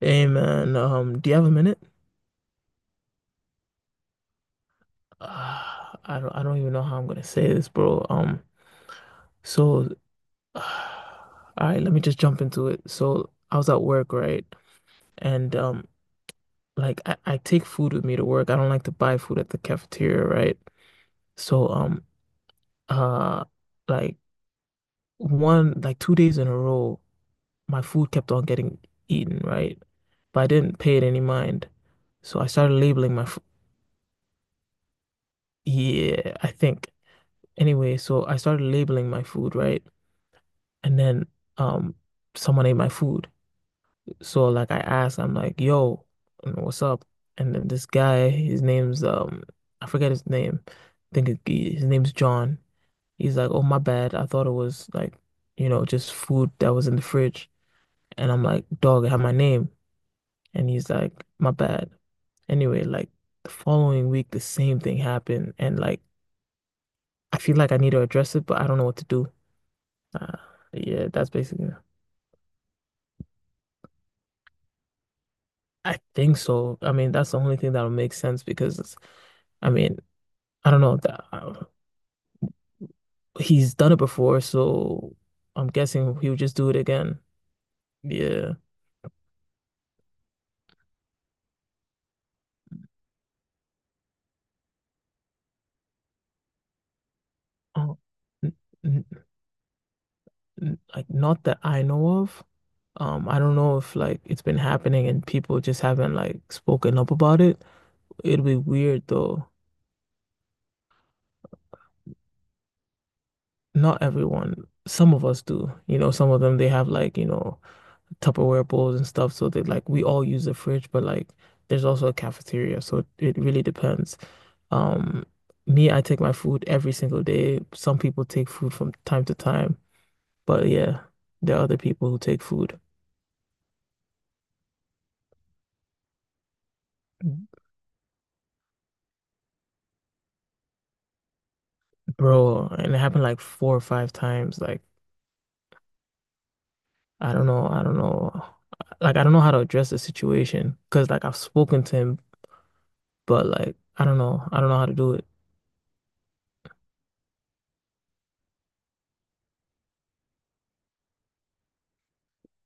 Hey man, do you have a minute? I don't even know how I'm gonna say this, bro. So, all right, let me just jump into it. So, I was at work, right? And like I take food with me to work. I don't like to buy food at the cafeteria, right? So, um, uh, like like 2 days in a row, my food kept on getting eaten, right? But I didn't pay it any mind. So I started labeling my food. Yeah, I think. Anyway, so I started labeling my food, right? And then um someone ate my food. So like I asked, I'm like, yo, what's up? And then this guy, his name's I forget his name. I think it, he- his name's John. He's like, oh my bad. I thought it was like, you know, just food that was in the fridge. And I'm like, dog, it had my name. And he's like, my bad. Anyway, like the following week, the same thing happened. And like I feel like I need to address it, but I don't know what to do. Uh, yeah, that's basically. I think so. I mean, that's the only thing that'll make sense I mean, I don't know that he's done it before, so I'm guessing he'll just do it again. Yeah. Oh, n n like not that I know of. I don't know if like it's been happening and people just haven't like spoken up about it. It'd be weird though. Not everyone. Some of us do. You know, some of them they have like, you know, Tupperware bowls and stuff. So they like we all use the fridge, but like there's also a cafeteria. So it really depends. Um, me, I take my food every single day. Some people take food from time to time, but yeah, there are other people who take food. Bro, and it happened like four or five times. Like, I don't know. Like, I don't know how to address the situation because, like, I've spoken to him, but like, I don't know how to do it.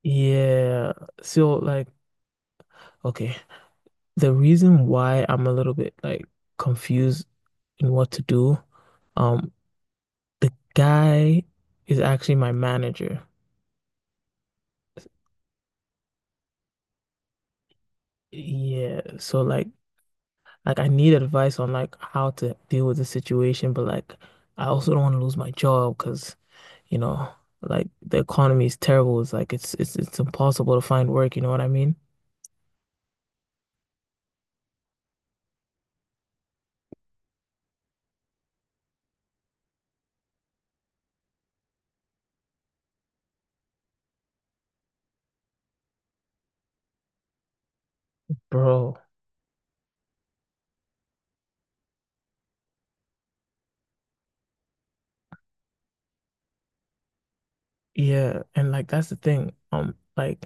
Yeah. So, like, okay. The reason why I'm a little bit like confused in what to do, um, the guy is actually my manager. Yeah, so like I need advice on like how to deal with the situation, but like I also don't want to lose my job because you know, like the economy is terrible. It's like it's impossible to find work, you know what I mean? Bro, yeah, and like that's the thing. Like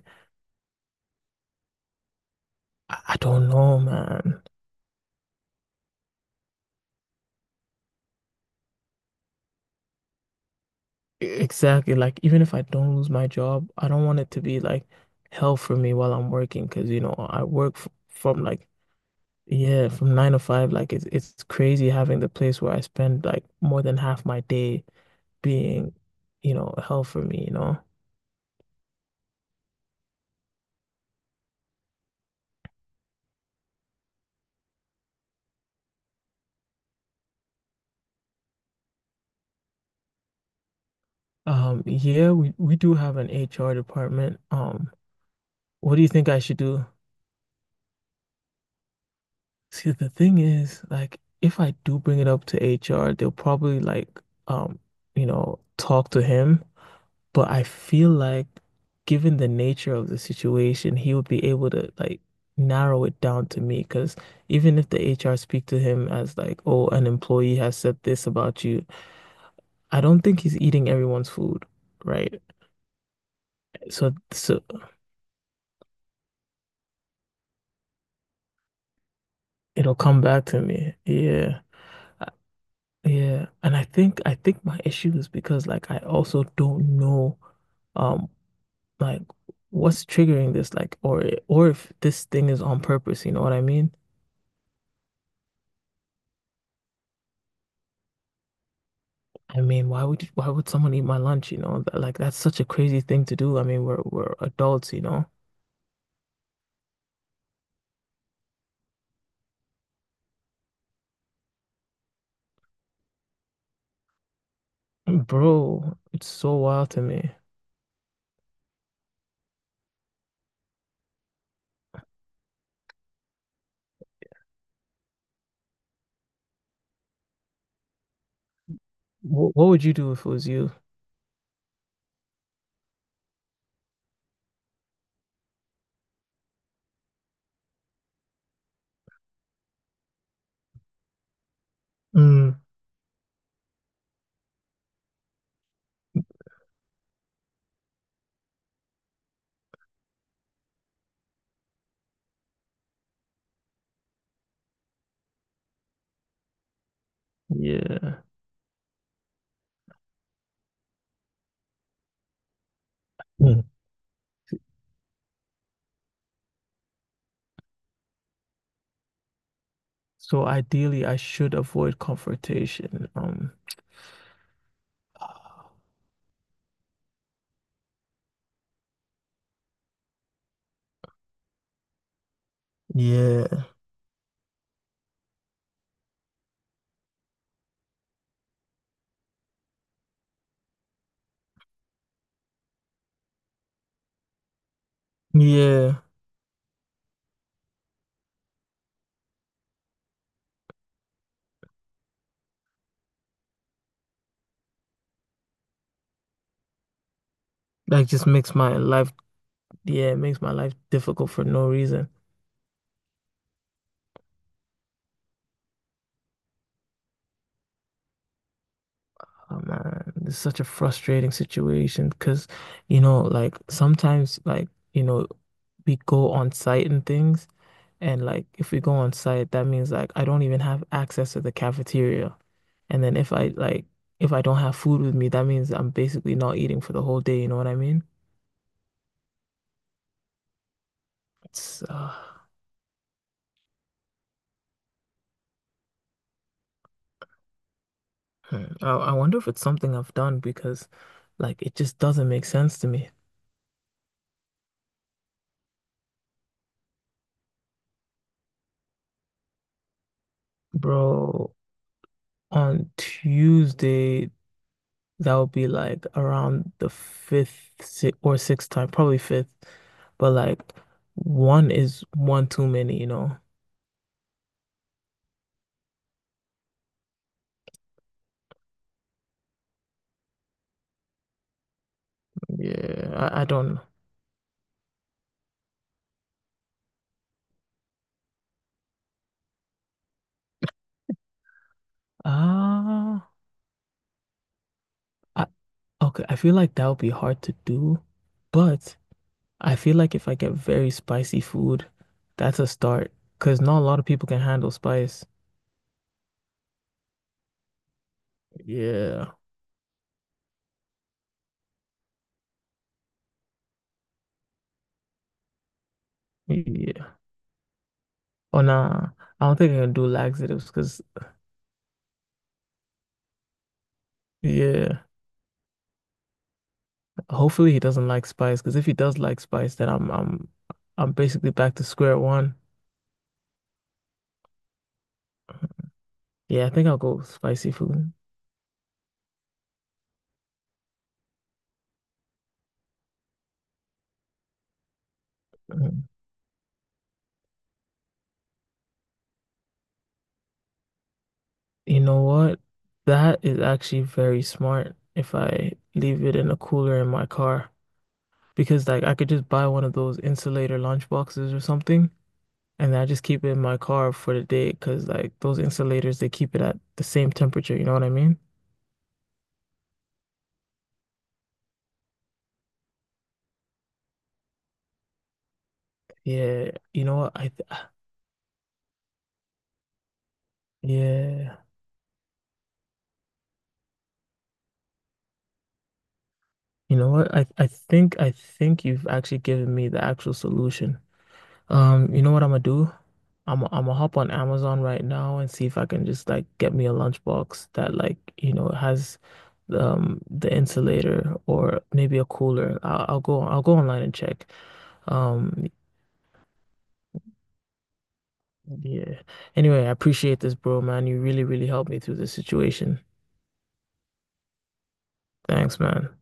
I don't know, man. Exactly. Like, even if I don't lose my job, I don't want it to be like hell for me while I'm working because, you know, I work f from like, yeah, from nine to five. Like, it's crazy having the place where I spend like more than half my day being, you know, hell for me, you know? Yeah, we do have an HR department. What do you think I should do? See, the thing is, like, if I do bring it up to HR, they'll probably like, um, you know, talk to him. But I feel like, given the nature of the situation, he would be able to like narrow it down to me. Because even if the HR speak to him as like, oh, an employee has said this about you, I don't think he's eating everyone's food, right? So it'll come back to me. Yeah. Uh, yeah, and I think my issue is because like I also don't know um like what's triggering this like or if this thing is on purpose, you know what I mean? I mean why would someone eat my lunch, you know? Like that's such a crazy thing to do. I mean we're adults, you know? Bro, it's so wild to me. What would you do if it was you? Mm, yeah. Mm. So ideally I should avoid confrontation. Yeah. Yeah, like just makes my life, yeah, it makes my life difficult for no reason. Oh man, it's such a frustrating situation because, you know, like sometimes, like, you know, we go on site and things. And like, if we go on site, that means like I don't even have access to the cafeteria. And then if I don't have food with me, that means I'm basically not eating for the whole day. You know what I mean? It's, uh, hmm, I wonder if it's something I've done because like it just doesn't make sense to me. Bro, on Tuesday, that would be like around the fifth si or sixth time, probably fifth. But like one is one too many, you know? Yeah, I don't know. Ah, I, okay. I feel like that would be hard to do, but I feel like if I get very spicy food, that's a start because not a lot of people can handle spice. Yeah, yeah. Oh nah, I don't think I can do laxatives because yeah. Hopefully he doesn't like spice because if he does like spice, then I'm basically back to square one. Yeah, I think I'll go with spicy food. Mm. You know what? That is actually very smart if I leave it in a cooler in my car because like I could just buy one of those insulator lunch boxes or something and I just keep it in my car for the day because like those insulators they keep it at the same temperature, you know what I mean? Yeah, you know what? I th Yeah. You know what? I think you've actually given me the actual solution. You know what I'm gonna do? I'm gonna hop on Amazon right now and see if I can just like get me a lunchbox that like, you know, has the insulator or maybe a cooler. I'll go online and check. Um, yeah. Anyway, I appreciate this, bro, man. You really, really helped me through this situation. Thanks, man.